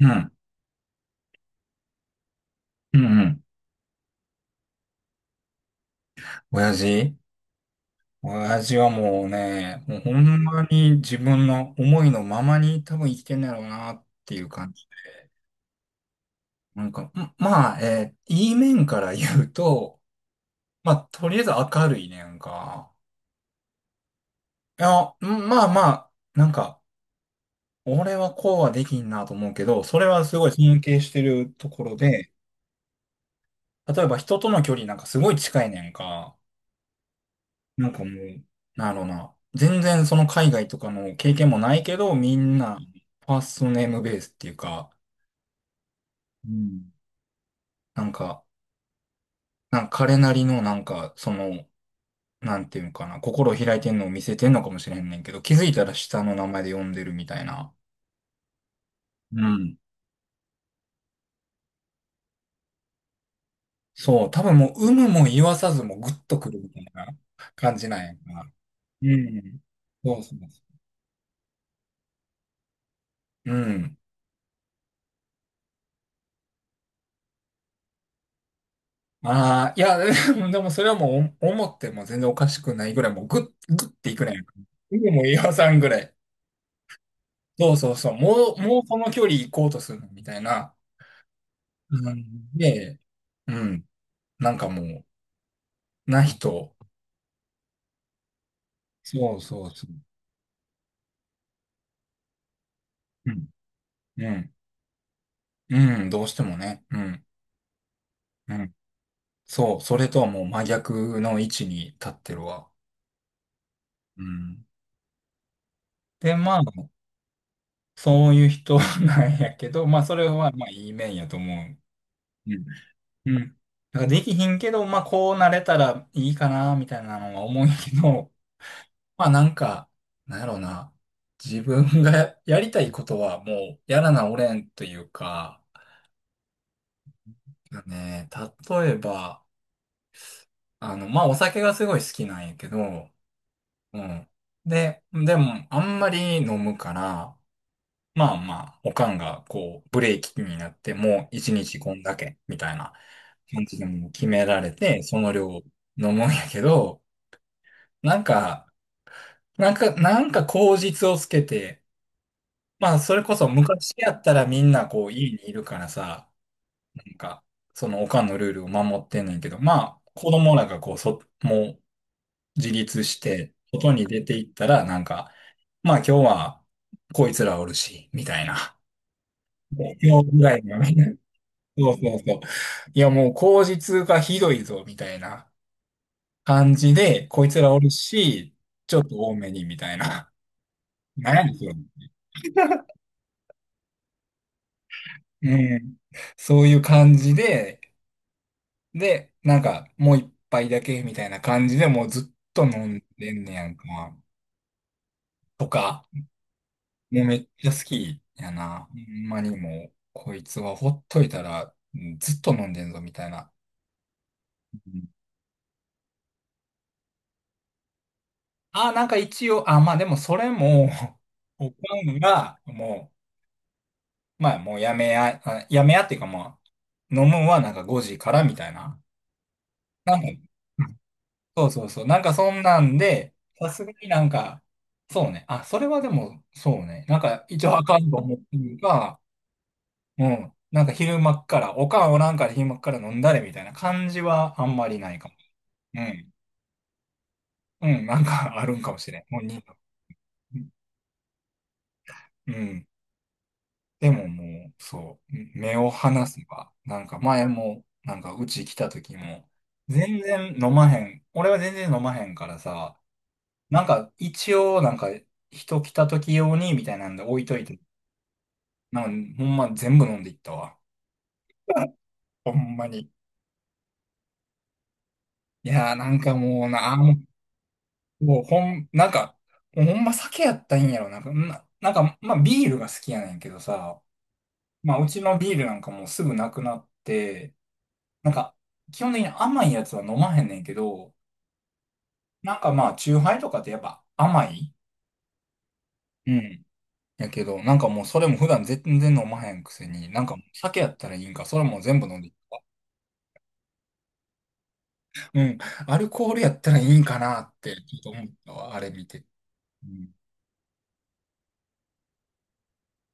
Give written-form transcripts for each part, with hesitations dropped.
うん。うんうん。親父親父はもうね、もうほんまに自分の思いのままに多分生きてんだろうなっていう感じで。なんか、んまあ、いい面から言うと、まあ、とりあえず明るいねんか。いや、んまあまあ、なんか、俺はこうはできんなと思うけど、それはすごい尊敬してるところで、例えば人との距離なんかすごい近いねんか。なんかもう、なんやろうな。全然その海外とかの経験もないけど、みんな、ファーストネームベースっていうか、うん。なんか、なんか彼なりのなんか、その、なんていうのかな、心を開いてんのを見せてんのかもしれんねんけど、気づいたら下の名前で呼んでるみたいな。うん。そう、多分もう、有無も言わさずもグッとくるみたいな感じなんやんかな。うん。そうそうそう。うん。ああ、いや、でもそれはもうお思っても全然おかしくないぐらい、もうグッ、グッていくね。でもう岩さんぐらい。そうそうそう。もう、もうこの距離行こうとするのみたいな。うん、で、うん。なんかもう、な人。そうそうそう。うん。うん。うん。どうしてもね。うん。うん。そう。それとはもう真逆の位置に立ってるわ。うん。で、まあ、そういう人なんやけど、まあ、それはまあ、いい面やと思う。うん。だからできひんけど、まあこうなれたらいいかな、みたいなのは思うんやけど、まあなんか、なんやろうな。自分がやりたいことはもうやらなおれんというか、ね、例えば、あの、まあお酒がすごい好きなんやけど、うん。で、でもあんまり飲むから、まあまあ、おかんがこう、ブレーキになってもう一日こんだけ、みたいな感じでもう決められて、その量飲むんやけど、なんか、なんか、なんか口実をつけて、まあ、それこそ昔やったらみんなこう家にいるからさ、なんか、そのおかんのルールを守ってんねんけど、まあ、子供らがこう、もう自立して、外に出ていったら、なんか、まあ今日はこいつらおるし、みたいな。で今日ぐらいのみそうそうそう。いや、もう口実がひどいぞ、みたいな感じで、こいつらおるし、ちょっと多めに、みたいな。何やねんそれうん。そういう感じで、で、なんか、もう一杯だけみたいな感じでもうずっと飲んでんねやんか。とか、もうめっちゃ好きやな。ほんまにもう、こいつはほっといたら、うんずっと飲んでんぞみたいな。うんあ、なんか一応、あ、まあでもそれも おかんが、もう、まあもうやめや、あやめやっていうかまあ、飲むんはなんか5時からみたいな。なんかそうそうそう。なんかそんなんで、さすがになんか、そうね。あ、それはでも、そうね。なんか一応あかんと思ってるが、うん。なんか昼間っから、おかんおらんから昼間っから飲んだれみたいな感じはあんまりないかも。うん。うん、なんか あるんかもしれん。もうに、うん。でももう、そう。目を離せば、なんか前も、なんかうち来た時も、全然飲まへん。俺は全然飲まへんからさ、なんか、一応、なんか、人来た時用に、みたいなんで置いといて。なんか、ほんま全部飲んでいったわ。ほんまに。いやー、なんかもうな、あーもう、もうほん、なんか、もうほんま酒やったらいいんやろ。なんか、な、なんか、まあ、ビールが好きやねんけどさ、まあ、うちのビールなんかもうすぐなくなって、なんか、基本的に甘いやつは飲まへんねんけど、なんかまあ、チューハイとかってやっぱ甘い。やけど、なんかもうそれも普段全然飲まへんくせに、なんかもう酒やったらいいんか、それも全部飲んでいくわうん、アルコールやったらいいんかなって、ちょっと思ったわ、あれ見て。うん、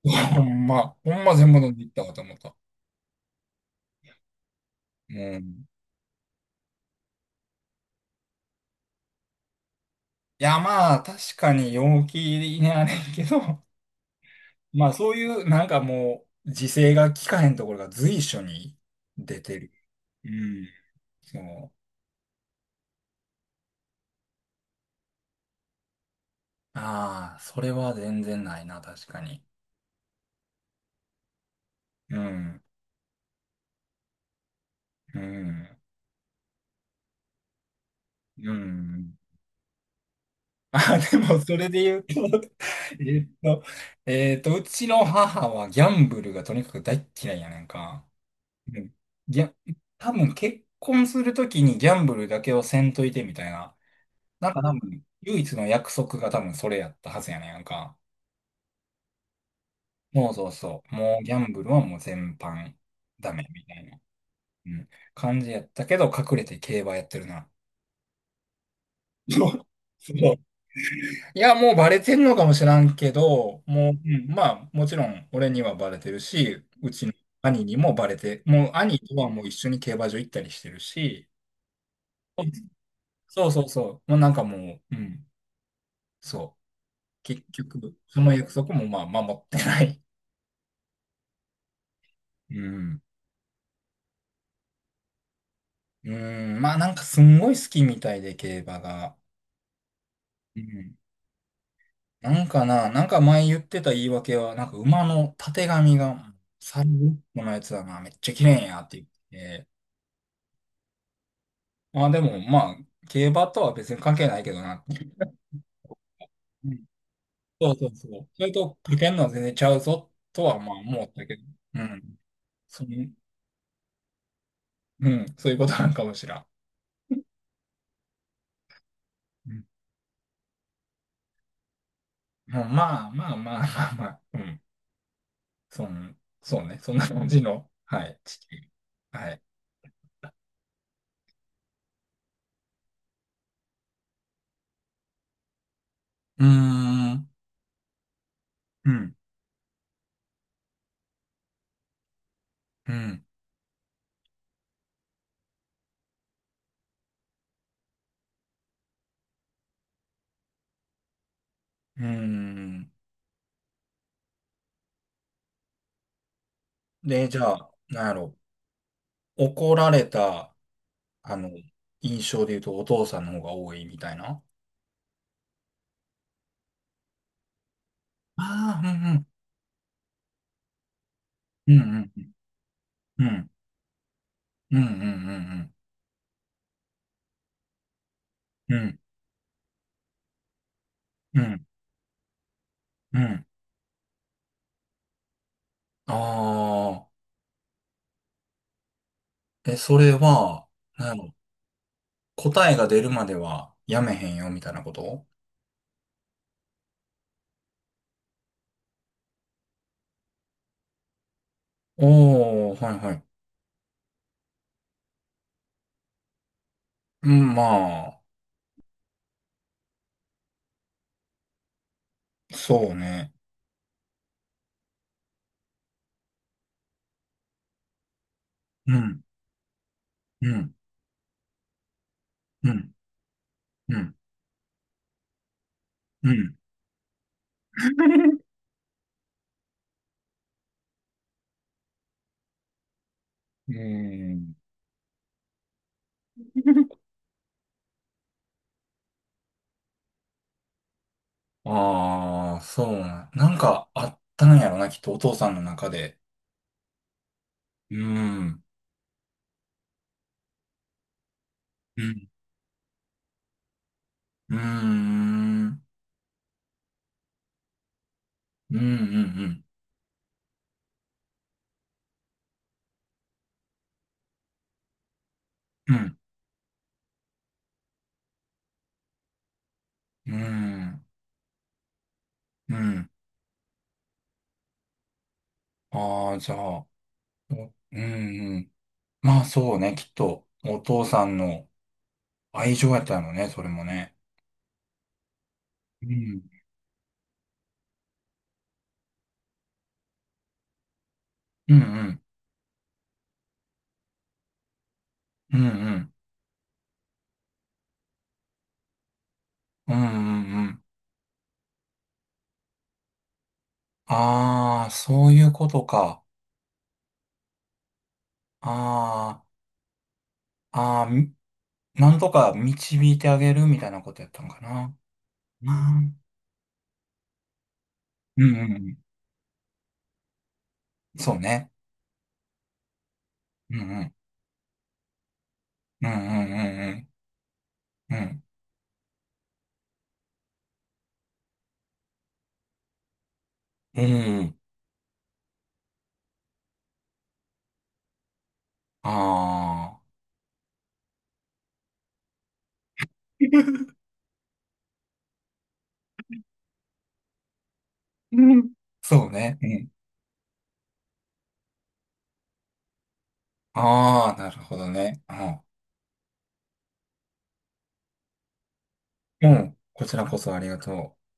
ほんま、ほんま全部飲んでいったわと思った。うん。いや、まあ、確かに陽気にあれんけど、まあそういう、なんかもう、自制が効かへんところが随所に出てる。うん。そう。ああ、それは全然ないな、確かに。うん。うん。うん。あ、でも、それで言うと、えっと、うちの母はギャンブルがとにかく大っ嫌いやねんか。うんギャ、多分結婚するときにギャンブルだけをせんといてみたいな。なんか多分、唯一の約束が多分それやったはずやねんか。そうそうそう。もうギャンブルはもう全般ダメみたいな、うん、感じやったけど、隠れて競馬やってるな。そう。そういや、もうバレてんのかもしらんけど、もう、うんまあ、もちろん俺にはバレてるし、うちの兄にもバレて、もう兄とはもう一緒に競馬場行ったりしてるし、そうそうそう、もうなんかもう、うん、そう、結局、その約束もまあ守ってない。うん。うん、まあなんかすんごい好きみたいで、競馬が。うん。なんかな、なんか前言ってた言い訳は、なんか馬のたてがみが、サルのやつだな、めっちゃ綺麗やって言って、まあでも、まあ、競馬とは別に関係ないけどな。うんそうそうそう。それと、かけんのは全然ちゃうぞとはまあ思ったけど。うん。その、うん。そういうことなんかもしらん。うん。まあまあまあまあまあ、まあ、うん。そんそうね。そんな感じの、はい、地球。はい。うーん。うん。うん。うーん。で、じゃあ、なんやろ。怒られた、あの、印象で言うとお父さんの方が多いみたいな。ああ、うんうん。うんうん。うんうんうんうんうん。うんうんうん。ああー。え、それは、なんやろ答えが出るまではやめへんよみたいなことおおー、はいはい。うん、まあ、そうね。うん、うん、うん、うん、うん。うん。ああ、そうな。なんかあったんやろな、きっとお父さんの中で。うん。うん。うん。うん。うん。うん。うん。うん。うん。ああ、じゃあ、おうん、うん。まあそうね、きっと、お父さんの愛情やったのね、それもね。うん、うん、うん、うん、うん、うん、うんうん。ああ、そういうことか。ああ、ああ、みなんとか導いてあげるみたいなことやったのかな。あーうん、うん、うんそうね。うん、うん、うん、うん、うん、うん、うん。うんああー、うんそうね。うん。ああ、なるほどね。うんうん。こちらこそありがとう。